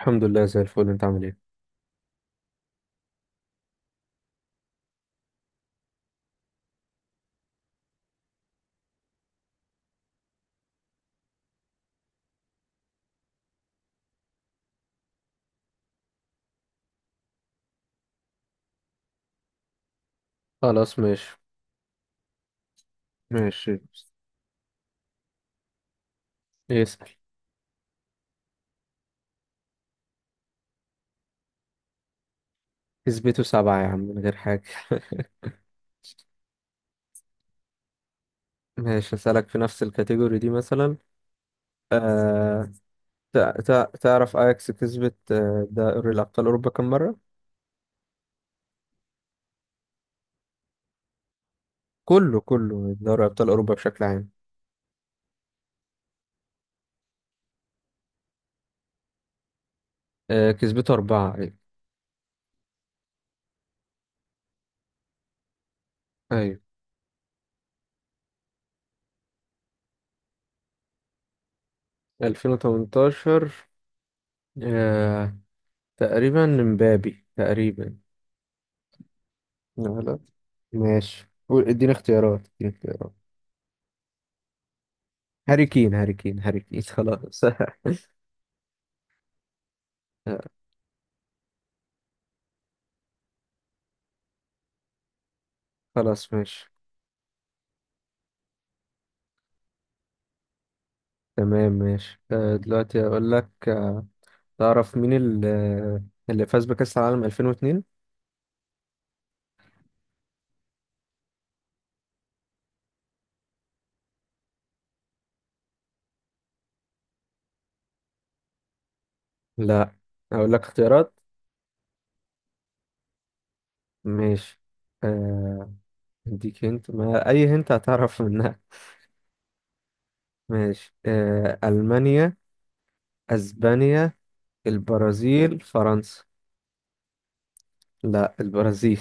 الحمد لله زي الفل. انت عامل ايه؟ خلاص ماشي. ماشي اسأل. اثبته سبعة يا عم من غير حاجة. ماشي اسألك في نفس الكاتيجوري دي مثلا. آه... تعرف اياكس كسبت دوري ابطال اوروبا كم مرة؟ كله كله دوري ابطال اوروبا بشكل عام. كسبته أربعة ايوه. ايوه 2018. آه... تقريبا مبابي تقريبا. لا لا. ماشي اديني اختيارات، اديني اختيارات. هاري كين هاري كين هاري كين خلاص. خلاص ماشي. تمام ماشي. دلوقتي اقول لك، تعرف مين اللي فاز بكأس العالم 2002؟ لا اقول لك اختيارات. ماشي، آه، اديك هنت، ما اي هنت هتعرف منها. ماشي. ألمانيا، اسبانيا، البرازيل، فرنسا. لا البرازيل.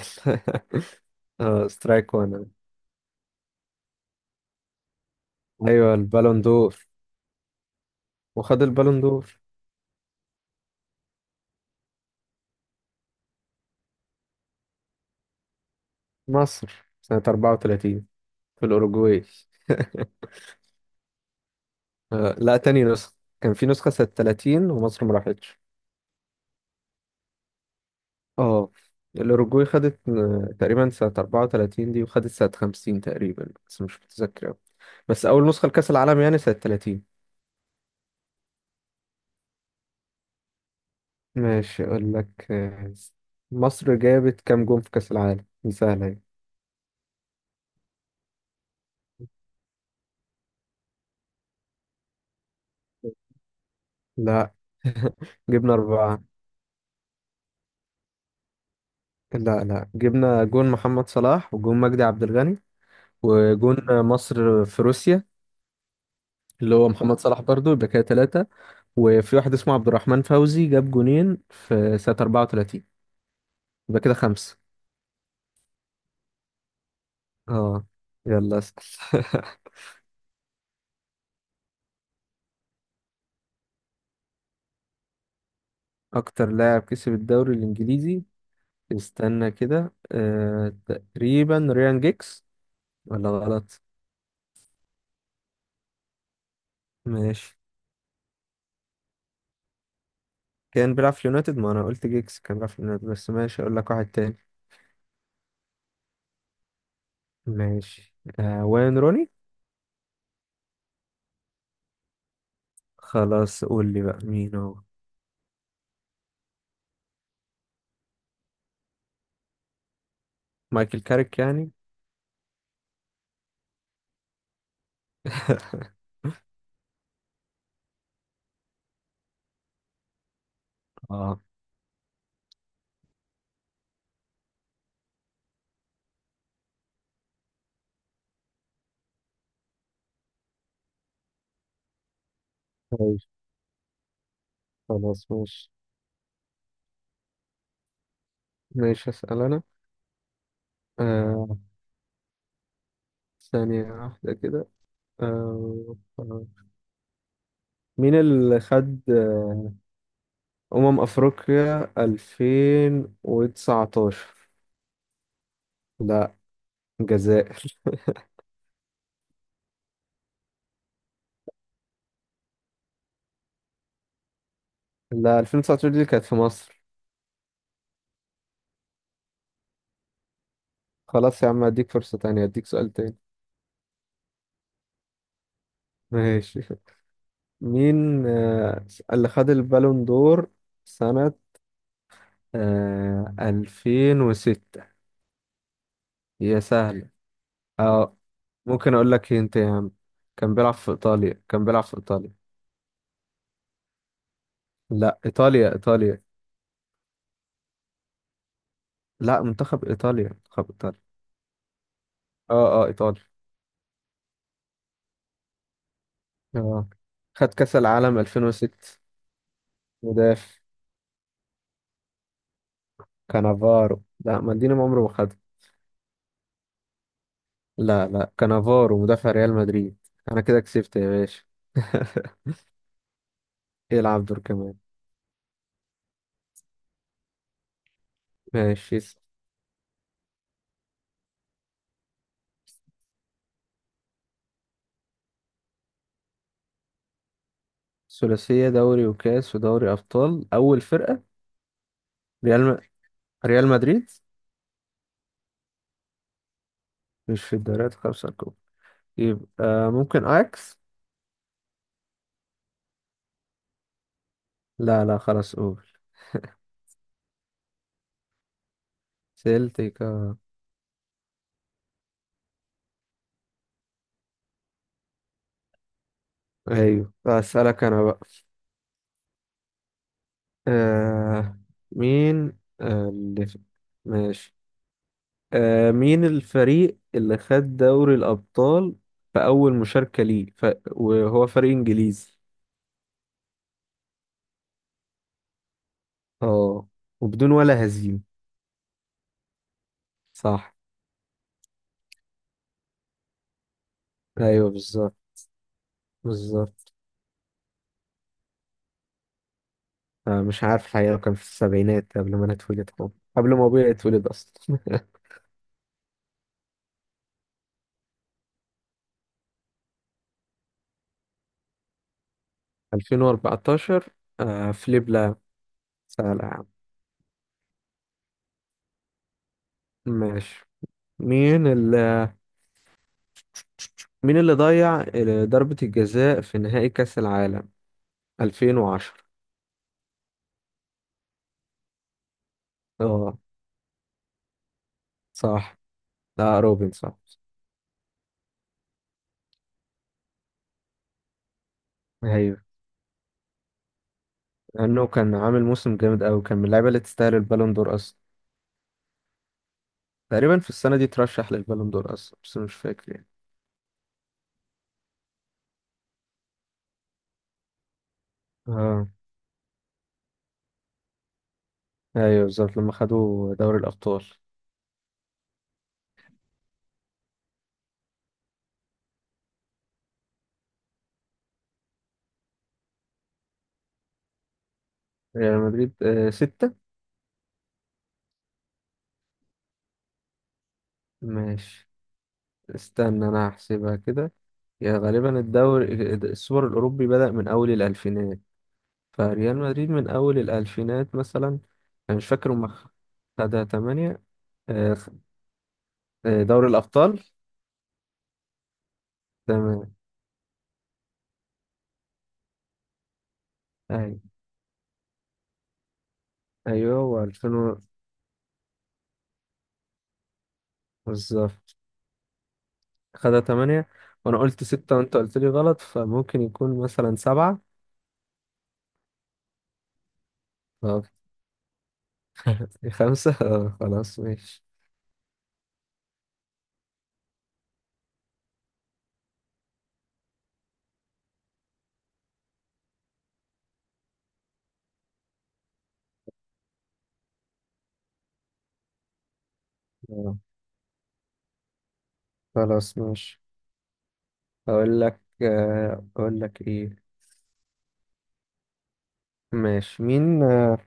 اه سترايك وانا. ايوه البالون دور، وخد البالون دور. مصر سنة 34 في الأوروجواي. لا، تاني نسخة. كان في نسخة سنة 30 ومصر ما راحتش. اه الأوروجواي خدت تقريبا سنة 34 دي، وخدت سنة 50 تقريبا بس مش متذكر أوي. بس أول نسخة لكأس العالم يعني سنة 30. ماشي أقول لك، مصر جابت كام جون في كأس العالم؟ دي سهلة أهي. لا. جبنا أربعة. لا لا، جبنا جون محمد صلاح وجون مجدي عبد الغني. وجون مصر في روسيا اللي هو محمد صلاح برضو، يبقى كده ثلاثة. وفي واحد اسمه عبد الرحمن فوزي جاب جونين في سنة 34. يبقى كده خمسة. اه يلا اسأل. أكتر لاعب كسب الدوري الإنجليزي. استنى كده، تقريبا ريان جيكس. ولا غلط؟ ماشي. كان بيلعب في اليونايتد. ما أنا قلت جيكس كان بيلعب في اليونايتد، بس ماشي أقول لك واحد تاني. ماشي. وين روني. خلاص قول لي بقى مين هو. مايكل كاريك يعني. اه. ماشي خلاص ماشي. ماشي أسأل أنا. ثانية واحدة كده. آه، آه. مين اللي خد أمم أفريقيا 2019؟ لا. الجزائر. لا، 2019 دي كانت في مصر. خلاص يا عم أديك فرصة تانية، أديك سؤال تاني. ماشي. مين اللي خد البالون دور سنة 2006؟ هي سهلة اه. ممكن أقول لك انت يا عم، كان بيلعب في إيطاليا، كان بيلعب في إيطاليا. لا، إيطاليا إيطاليا. لا منتخب ايطاليا، منتخب ايطاليا. اه اه ايطاليا. اه خد كاس العالم 2006. مدافع. كانافارو. لا مالديني ما عمره ما خدها. لا لا، كانافارو مدافع ريال مدريد. انا كده كسبت يا باشا. يلعب دور كمان. ماشي. ثلاثية دوري وكاس ودوري ابطال، اول فرقة. ريال م... ريال مدريد. مش في الدوريات الخمسة الكبرى؟ يبقى ممكن اياكس. لا لا، خلاص قول. سيلتيكا. ايوه اسالك انا بقى. آه مين آه اللي في... ماشي. مين الفريق اللي خد دوري الأبطال في أول مشاركة ليه؟ وهو فريق إنجليزي. اه، وبدون ولا هزيمة. صح. أيوه بالظبط. بالظبط. مش عارف الحقيقة، كان في السبعينات قبل ما أنا أتولد خالص. قبل ما أبويا يتولد أصلا. 2014. فليب لام. سهل يا عم. ماشي. مين اللي مين اللي ضيع ضربة الجزاء في نهائي كأس العالم 2010؟ اه صح. لا روبن صح. ايوه، لانه كان عامل موسم جامد قوي، كان من اللعيبه اللي تستاهل البالون دور اصلا. تقريبا في السنه دي ترشح للبالون دور اصلا بس مش فاكر يعني. اه ايوه بالظبط، لما خدوا دوري الابطال. ريال مدريد ستة. ماشي. استنى انا هحسبها كده. يا غالبا الدوري السوبر الاوروبي بدأ من اول الالفينات. فريال مدريد من اول الالفينات مثلا. انا مش فاكر هم. خدها تمانية. آه، دوري الابطال تمام. أي أيوه، هو 2000 بالظبط خدها 8. وأنا قلت 6 وأنت قلت لي غلط، فممكن يكون مثلا 7. طب 5. خلاص ماشي. آه، خلاص ماشي أقول لك، أقول لك إيه. ماشي. مين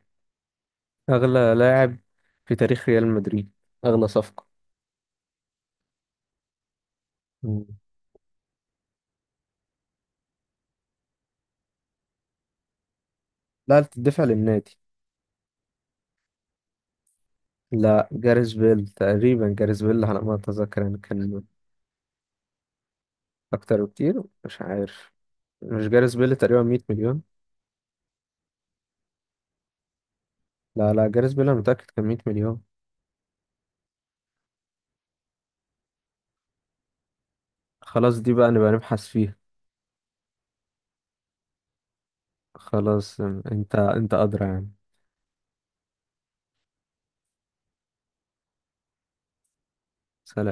أغلى لاعب في تاريخ ريال مدريد؟ أغلى صفقة. مم. لا، بتدفع للنادي. لا، جاريث بيل تقريبا. جاريث بيل على ما أتذكر يعني كان. أكتر بكتير مش عارف. مش جاريث بيل تقريبا 100 مليون؟ لا لا، جاريث بيل انا متأكد كان 100 مليون. خلاص دي بقى نبقى نبحث فيها. خلاص انت ادرى يعني. سلام.